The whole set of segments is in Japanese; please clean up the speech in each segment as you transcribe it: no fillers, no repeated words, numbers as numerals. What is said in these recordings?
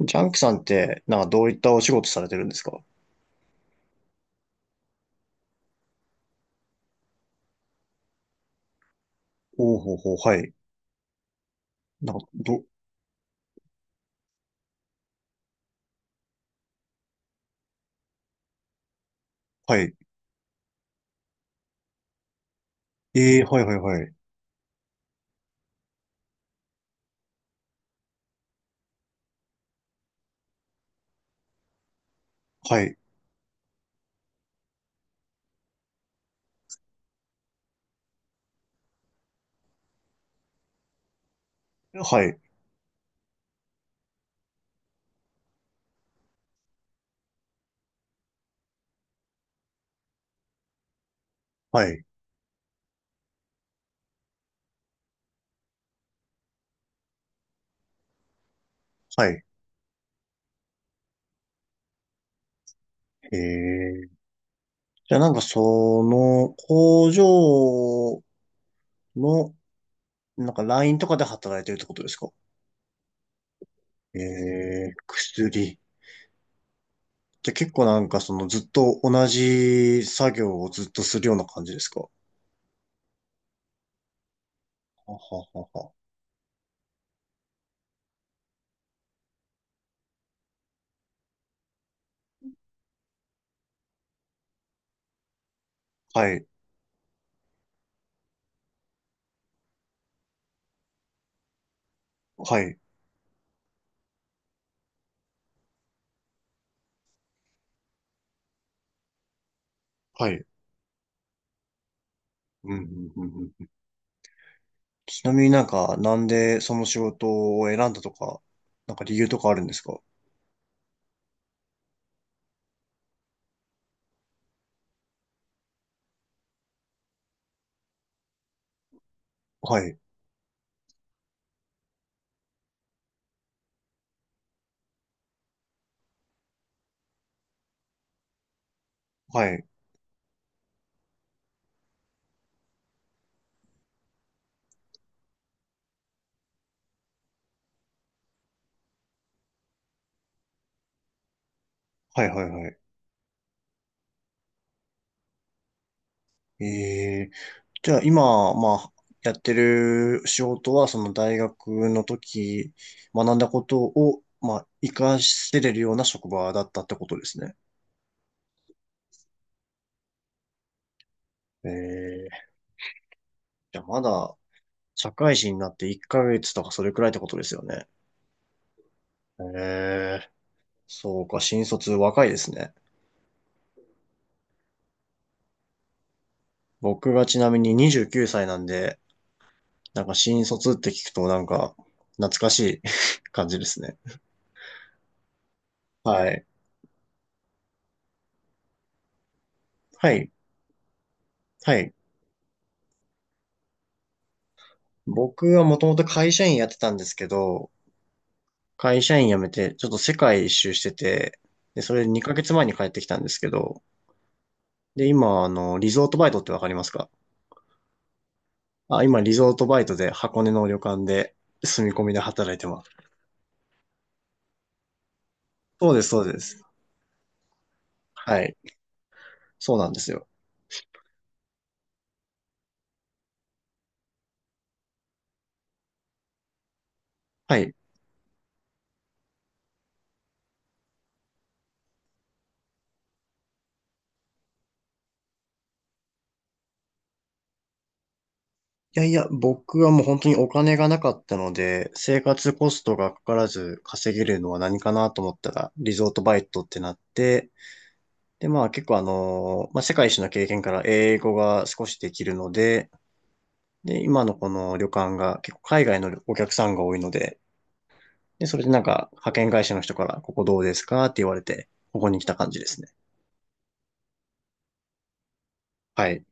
ジャンキさんって、なんかどういったお仕事されてるんですか？おうほうほう、はい。なんか、はい。ええ、はいはいはい。はい、はい、はい、はい。ええ、じゃあなんかその、工場の、なんかラインとかで働いてるってことですか？ええ、薬。じゃあ結構なんかそのずっと同じ作業をずっとするような感じですか？はははは。はい、はい、はい。うん、うん、うん。ちなみになんか、なんでその仕事を選んだとか、なんか理由とかあるんですか？はい、はい、はい、はい、はい。ええ、じゃあ今、まあ、やってる仕事は、その大学の時、学んだことを、まあ、活かせれるような職場だったってことですね。ええ、じゃあまだ、社会人になって1ヶ月とかそれくらいってことですよね。ええ、そうか、新卒若いですね。僕がちなみに29歳なんで、なんか新卒って聞くとなんか懐かしい 感じですね。はい。はい。はい。僕はもともと会社員やってたんですけど、会社員辞めてちょっと世界一周してて、で、それ2ヶ月前に帰ってきたんですけど、で、今、あの、リゾートバイトってわかりますか？あ、今、リゾートバイトで箱根の旅館で住み込みで働いてます。そうです、そうです。はい。そうなんですよ。はい。いやいや、僕はもう本当にお金がなかったので、生活コストがかからず稼げるのは何かなと思ったら、リゾートバイトってなって、で、まあ結構あの、まあ世界一の経験から英語が少しできるので、で、今のこの旅館が結構海外のお客さんが多いので、で、それでなんか派遣会社の人からここどうですかって言われて、ここに来た感じですね。はい。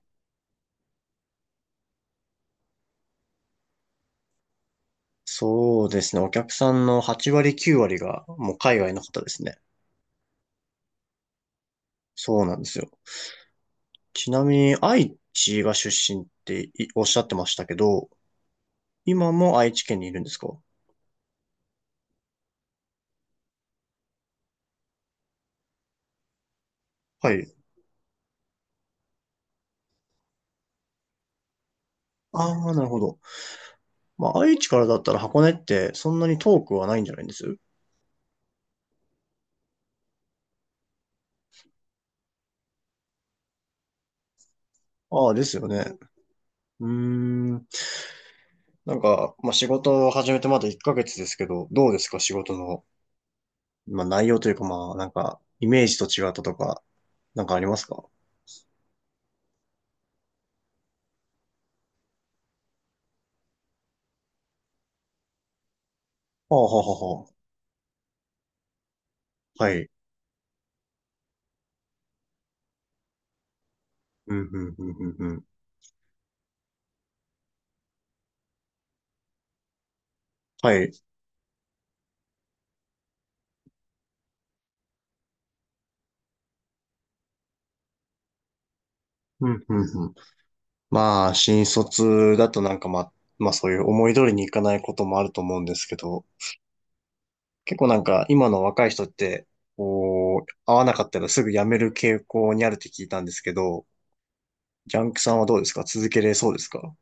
そうですね。お客さんの8割9割がもう海外の方ですね。そうなんですよ。ちなみに、愛知が出身っていおっしゃってましたけど、今も愛知県にいるんですか？はい。ああ、なるほど。まあ、愛知からだったら箱根ってそんなに遠くはないんじゃないんです？ああ、ですよね。うーん。なんか、まあ、仕事を始めてまだ1ヶ月ですけど、どうですか仕事の、まあ、内容というか、まあ、なんか、イメージと違ったとか、なんかありますか？ああ、はははは。はい。うん、うん、うん、うん、うん。はい。うんうんうん。まあ、新卒だとなんかまあ、まあそういう思い通りにいかないこともあると思うんですけど、結構なんか今の若い人って、こう、合わなかったらすぐ辞める傾向にあるって聞いたんですけど、ジャンクさんはどうですか？続けれそうですか？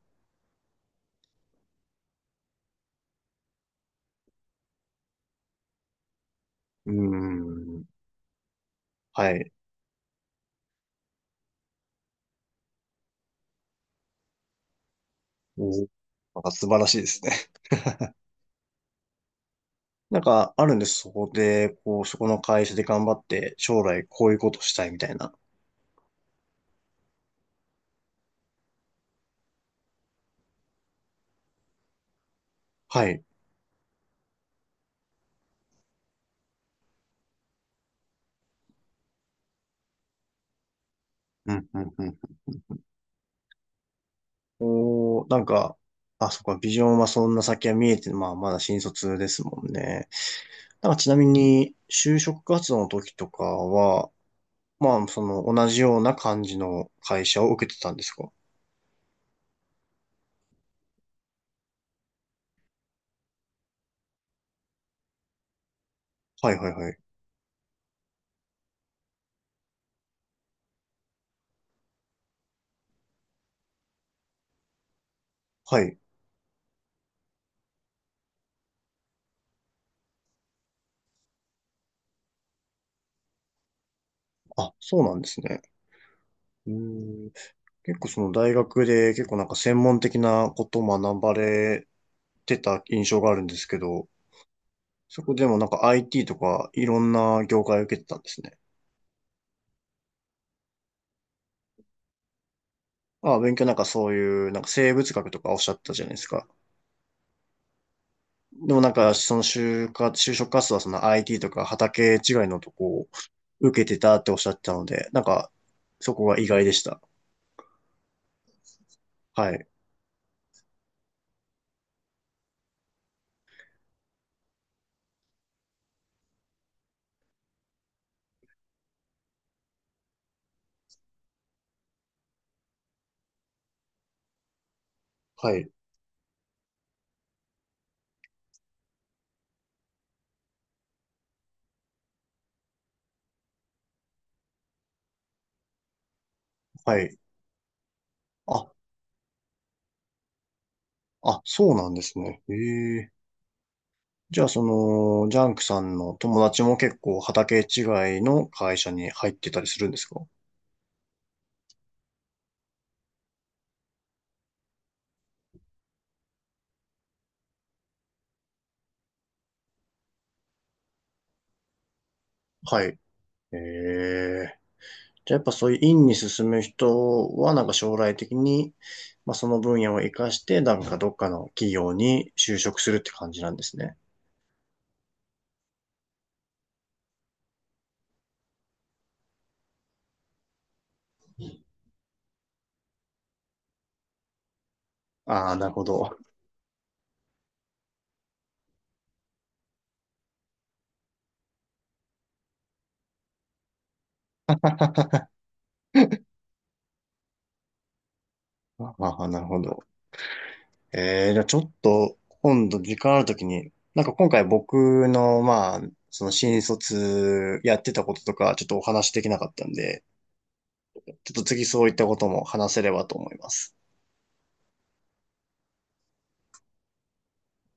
うーん。はい。お、なんか素晴らしいですね。なんかあるんです。そこで、こう、そこの会社で頑張って、将来こういうことしたいみたいな。はい。うんうんうん。おー、なんか、あ、そっか、ビジョンはそんな先は見えて、まあ、まだ新卒ですもんね。なんかちなみに、就職活動の時とかは、まあ、その、同じような感じの会社を受けてたんですか？はいはいはい。はい。あ、そうなんですね。うーん。結構その大学で結構なんか専門的なことを学ばれてた印象があるんですけど、そこでもなんか IT とかいろんな業界を受けてたんですね。あ、勉強なんかそういう、なんか生物学とかおっしゃったじゃないですか。でもなんか、その就職活動はその IT とか畑違いのとこを受けてたっておっしゃってたので、なんか、そこが意外でした。はい。はい。はい。あ、あ、そうなんですね。ええ。じゃあ、その、ジャンクさんの友達も結構畑違いの会社に入ってたりするんですか？はい。ええ。じゃあ、やっぱそういう院に進む人は、なんか将来的に、まあ、その分野を活かして、なんかどっかの企業に就職するって感じなんですね。ああ、なるほど。ああ、なるほど。じゃあちょっと、今度時間あるときに、なんか今回僕の、まあ、その新卒やってたこととか、ちょっとお話できなかったんで、ちょっと次そういったことも話せればと思います。